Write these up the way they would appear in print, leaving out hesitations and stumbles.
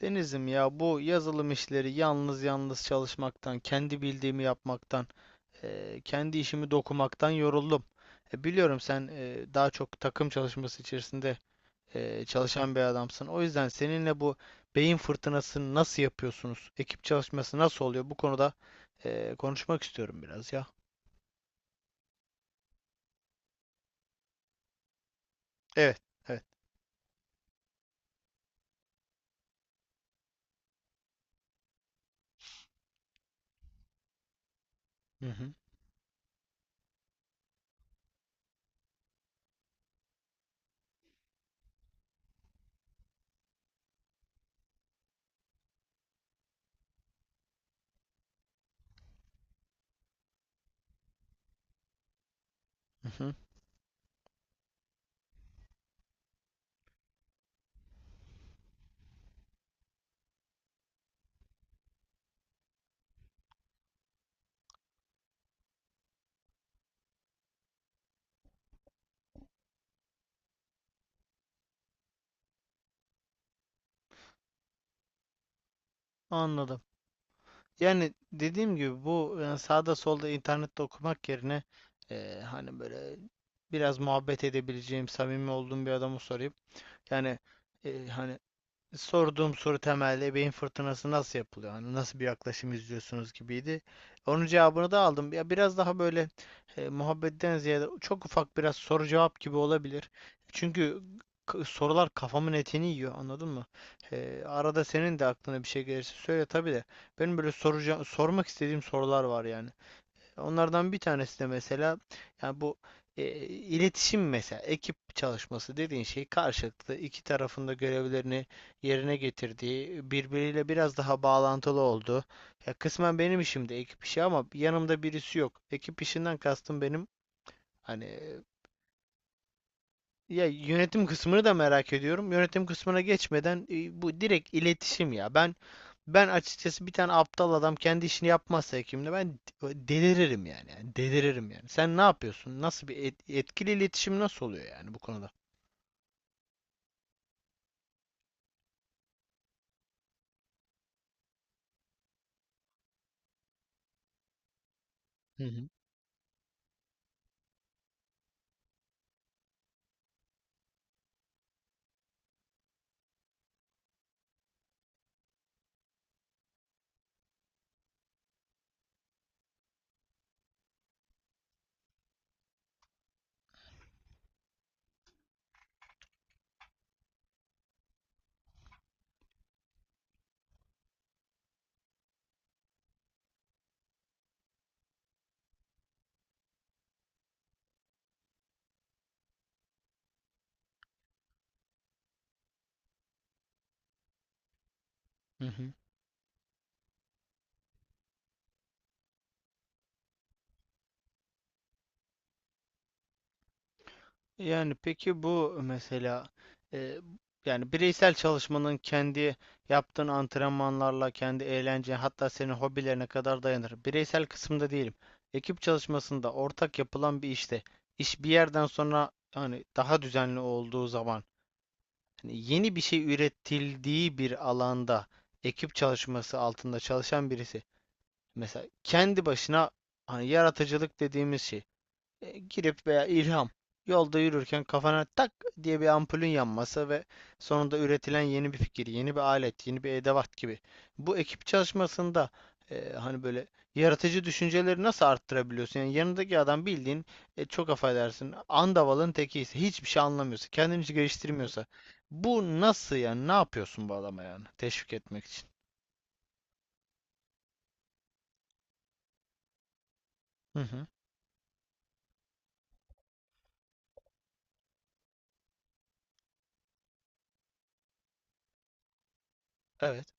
Denizim ya, bu yazılım işleri yalnız yalnız çalışmaktan, kendi bildiğimi yapmaktan, kendi işimi dokumaktan yoruldum. Biliyorum sen daha çok takım çalışması içerisinde çalışan bir adamsın. O yüzden seninle bu beyin fırtınasını nasıl yapıyorsunuz? Ekip çalışması nasıl oluyor? Bu konuda konuşmak istiyorum biraz ya. Evet, evet. Hı hı, hı hı. Anladım. Yani dediğim gibi bu sağda solda internette okumak yerine, hani böyle biraz muhabbet edebileceğim, samimi olduğum bir adamı sorayım. Yani, hani sorduğum soru temelde ebeveyn fırtınası nasıl yapılıyor? Hani nasıl bir yaklaşım izliyorsunuz gibiydi. Onun cevabını da aldım. Ya biraz daha böyle, muhabbetten ziyade çok ufak biraz soru cevap gibi olabilir. Çünkü sorular kafamın etini yiyor, anladın mı? Arada senin de aklına bir şey gelirse söyle tabii de. Benim böyle sormak istediğim sorular var yani. Onlardan bir tanesi de mesela, yani bu iletişim, mesela ekip çalışması dediğin şey karşılıklı iki tarafında görevlerini yerine getirdiği, birbiriyle biraz daha bağlantılı olduğu. Ya kısmen benim işim de ekip işi ama yanımda birisi yok. Ekip işinden kastım benim, hani, ya yönetim kısmını da merak ediyorum. Yönetim kısmına geçmeden bu direkt iletişim ya. Ben açıkçası bir tane aptal adam kendi işini yapmazsa hekimle ben deliririm yani. Yani deliririm yani. Sen ne yapıyorsun? Nasıl bir etkili iletişim nasıl oluyor yani bu konuda? Hı hı. Hı hı. Yani peki bu mesela, e, yani bireysel çalışmanın kendi yaptığın antrenmanlarla, kendi eğlence, hatta senin hobilerine kadar dayanır. Bireysel kısımda değilim. Ekip çalışmasında ortak yapılan bir işte iş bir yerden sonra, hani daha düzenli olduğu zaman, hani yeni bir şey üretildiği bir alanda ekip çalışması altında çalışan birisi mesela kendi başına, hani yaratıcılık dediğimiz şey, girip veya ilham, yolda yürürken kafana tak diye bir ampulün yanması ve sonunda üretilen yeni bir fikir, yeni bir alet, yeni bir edevat gibi. Bu ekip çalışmasında, hani böyle yaratıcı düşünceleri nasıl arttırabiliyorsun? Yani yanındaki adam bildiğin, çok affedersin andavalın tekiyse, hiçbir şey anlamıyorsa, kendini hiç geliştirmiyorsa bu nasıl yani? Ne yapıyorsun bu adama yani? Teşvik etmek için. Hı hı. Evet.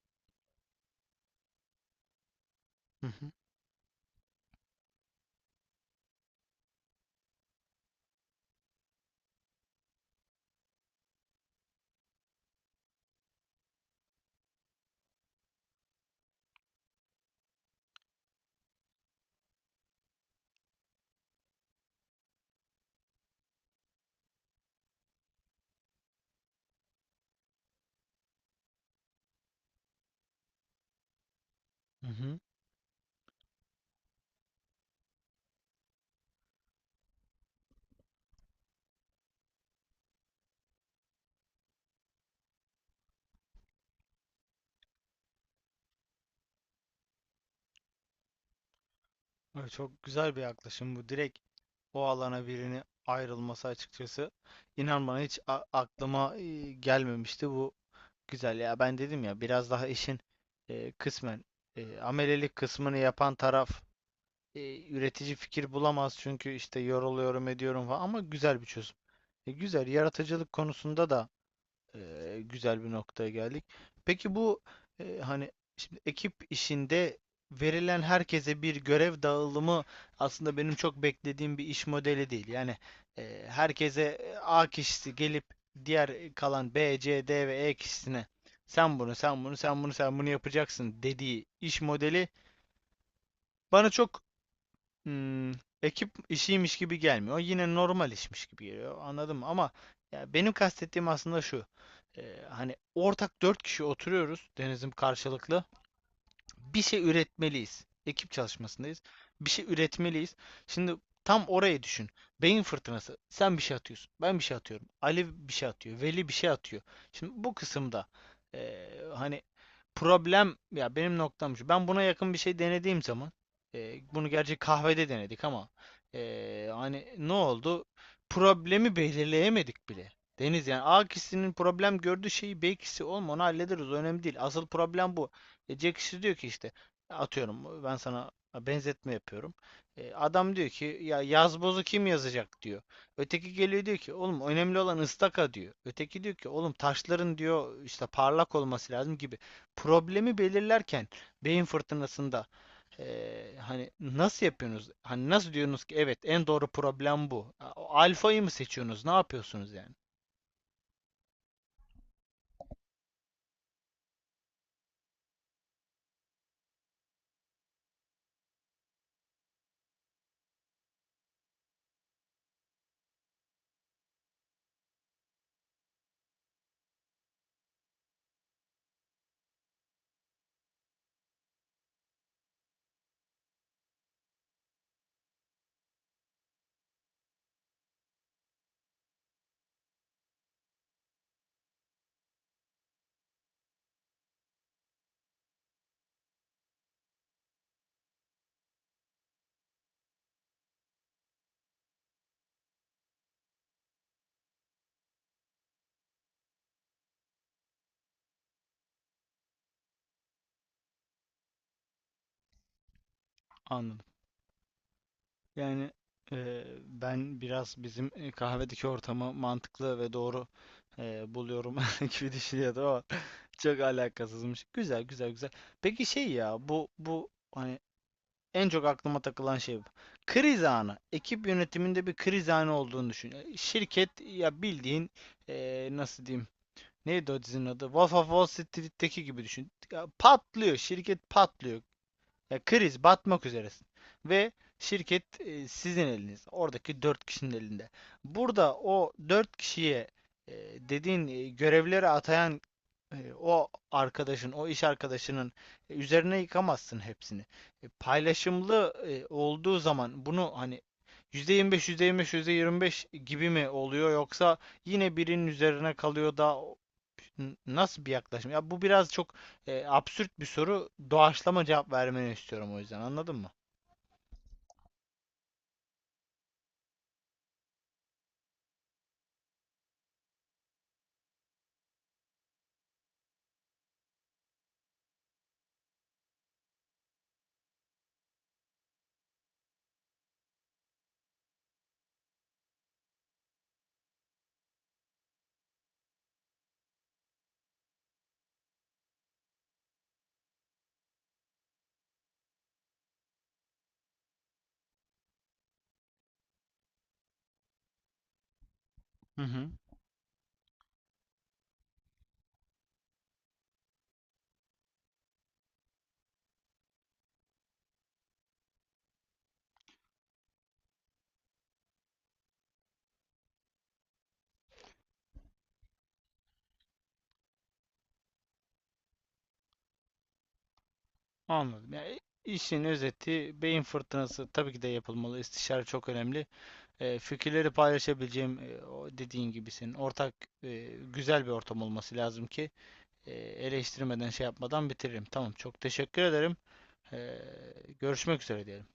Hı hı. Hı hı. Ay, çok güzel bir yaklaşım bu. Direkt o alana birini ayrılması açıkçası. İnan bana hiç aklıma gelmemişti bu. Güzel ya, ben dedim ya biraz daha işin kısmen amelelik kısmını yapan taraf üretici fikir bulamaz çünkü işte yoruluyorum ediyorum falan, ama güzel bir çözüm. Güzel, yaratıcılık konusunda da güzel bir noktaya geldik. Peki bu, hani, şimdi ekip işinde verilen herkese bir görev dağılımı aslında benim çok beklediğim bir iş modeli değil. Yani herkese, A kişisi gelip diğer kalan B, C, D ve E kişisine sen bunu, sen bunu, sen bunu, sen bunu yapacaksın dediği iş modeli bana çok, Hmm, ekip işiymiş gibi gelmiyor. Yine normal işmiş gibi geliyor. Anladım ama ya benim kastettiğim aslında şu. Hani ortak dört kişi oturuyoruz denizim, karşılıklı bir şey üretmeliyiz. Ekip çalışmasındayız. Bir şey üretmeliyiz. Şimdi tam orayı düşün. Beyin fırtınası. Sen bir şey atıyorsun. Ben bir şey atıyorum. Ali bir şey atıyor. Veli bir şey atıyor. Şimdi bu kısımda hani problem, ya benim noktam şu. Ben buna yakın bir şey denediğim zaman bunu gerçi kahvede denedik ama hani ne oldu? Problemi belirleyemedik bile. Deniz yani A kişisinin problem gördüğü şeyi B kişisi olma onu hallederiz. O önemli değil. Asıl problem bu. Jack işte diyor ki işte, atıyorum ben sana benzetme yapıyorum. Adam diyor ki ya yazbozu kim yazacak diyor. Öteki geliyor diyor ki oğlum önemli olan ıstaka diyor. Öteki diyor ki oğlum taşların diyor işte parlak olması lazım gibi. Problemi belirlerken beyin fırtınasında, hani nasıl yapıyorsunuz? Hani nasıl diyorsunuz ki evet en doğru problem bu. Alfayı mı seçiyorsunuz? Ne yapıyorsunuz yani? Anladım. Yani ben biraz bizim kahvedeki ortamı mantıklı ve doğru buluyorum gibi düşünüyordum ama çok alakasızmış. Güzel, güzel, güzel. Peki şey, ya bu hani en çok aklıma takılan şey bu. Kriz anı. Ekip yönetiminde bir kriz anı olduğunu düşün. Şirket ya bildiğin nasıl diyeyim? Neydi o dizinin adı? Wolf of Wall Street'teki gibi düşün. Ya patlıyor. Şirket patlıyor. Ya kriz, batmak üzeresin. Ve şirket, sizin eliniz. Oradaki 4 kişinin elinde. Burada o 4 kişiye, e, dediğin, görevleri atayan, o arkadaşın, o iş arkadaşının üzerine yıkamazsın hepsini. Paylaşımlı olduğu zaman bunu hani %25, %25, %25 gibi mi oluyor yoksa yine birinin üzerine kalıyor da nasıl bir yaklaşım? Ya bu biraz çok absürt bir soru, doğaçlama cevap vermeni istiyorum o yüzden, anladın mı? Hı hı. Anladım. Yani işin özeti beyin fırtınası tabii ki de yapılmalı. İstişare çok önemli. Fikirleri paylaşabileceğim o dediğin gibi senin ortak güzel bir ortam olması lazım ki eee, eleştirmeden şey yapmadan bitiririm. Tamam, çok teşekkür ederim. Görüşmek üzere diyelim.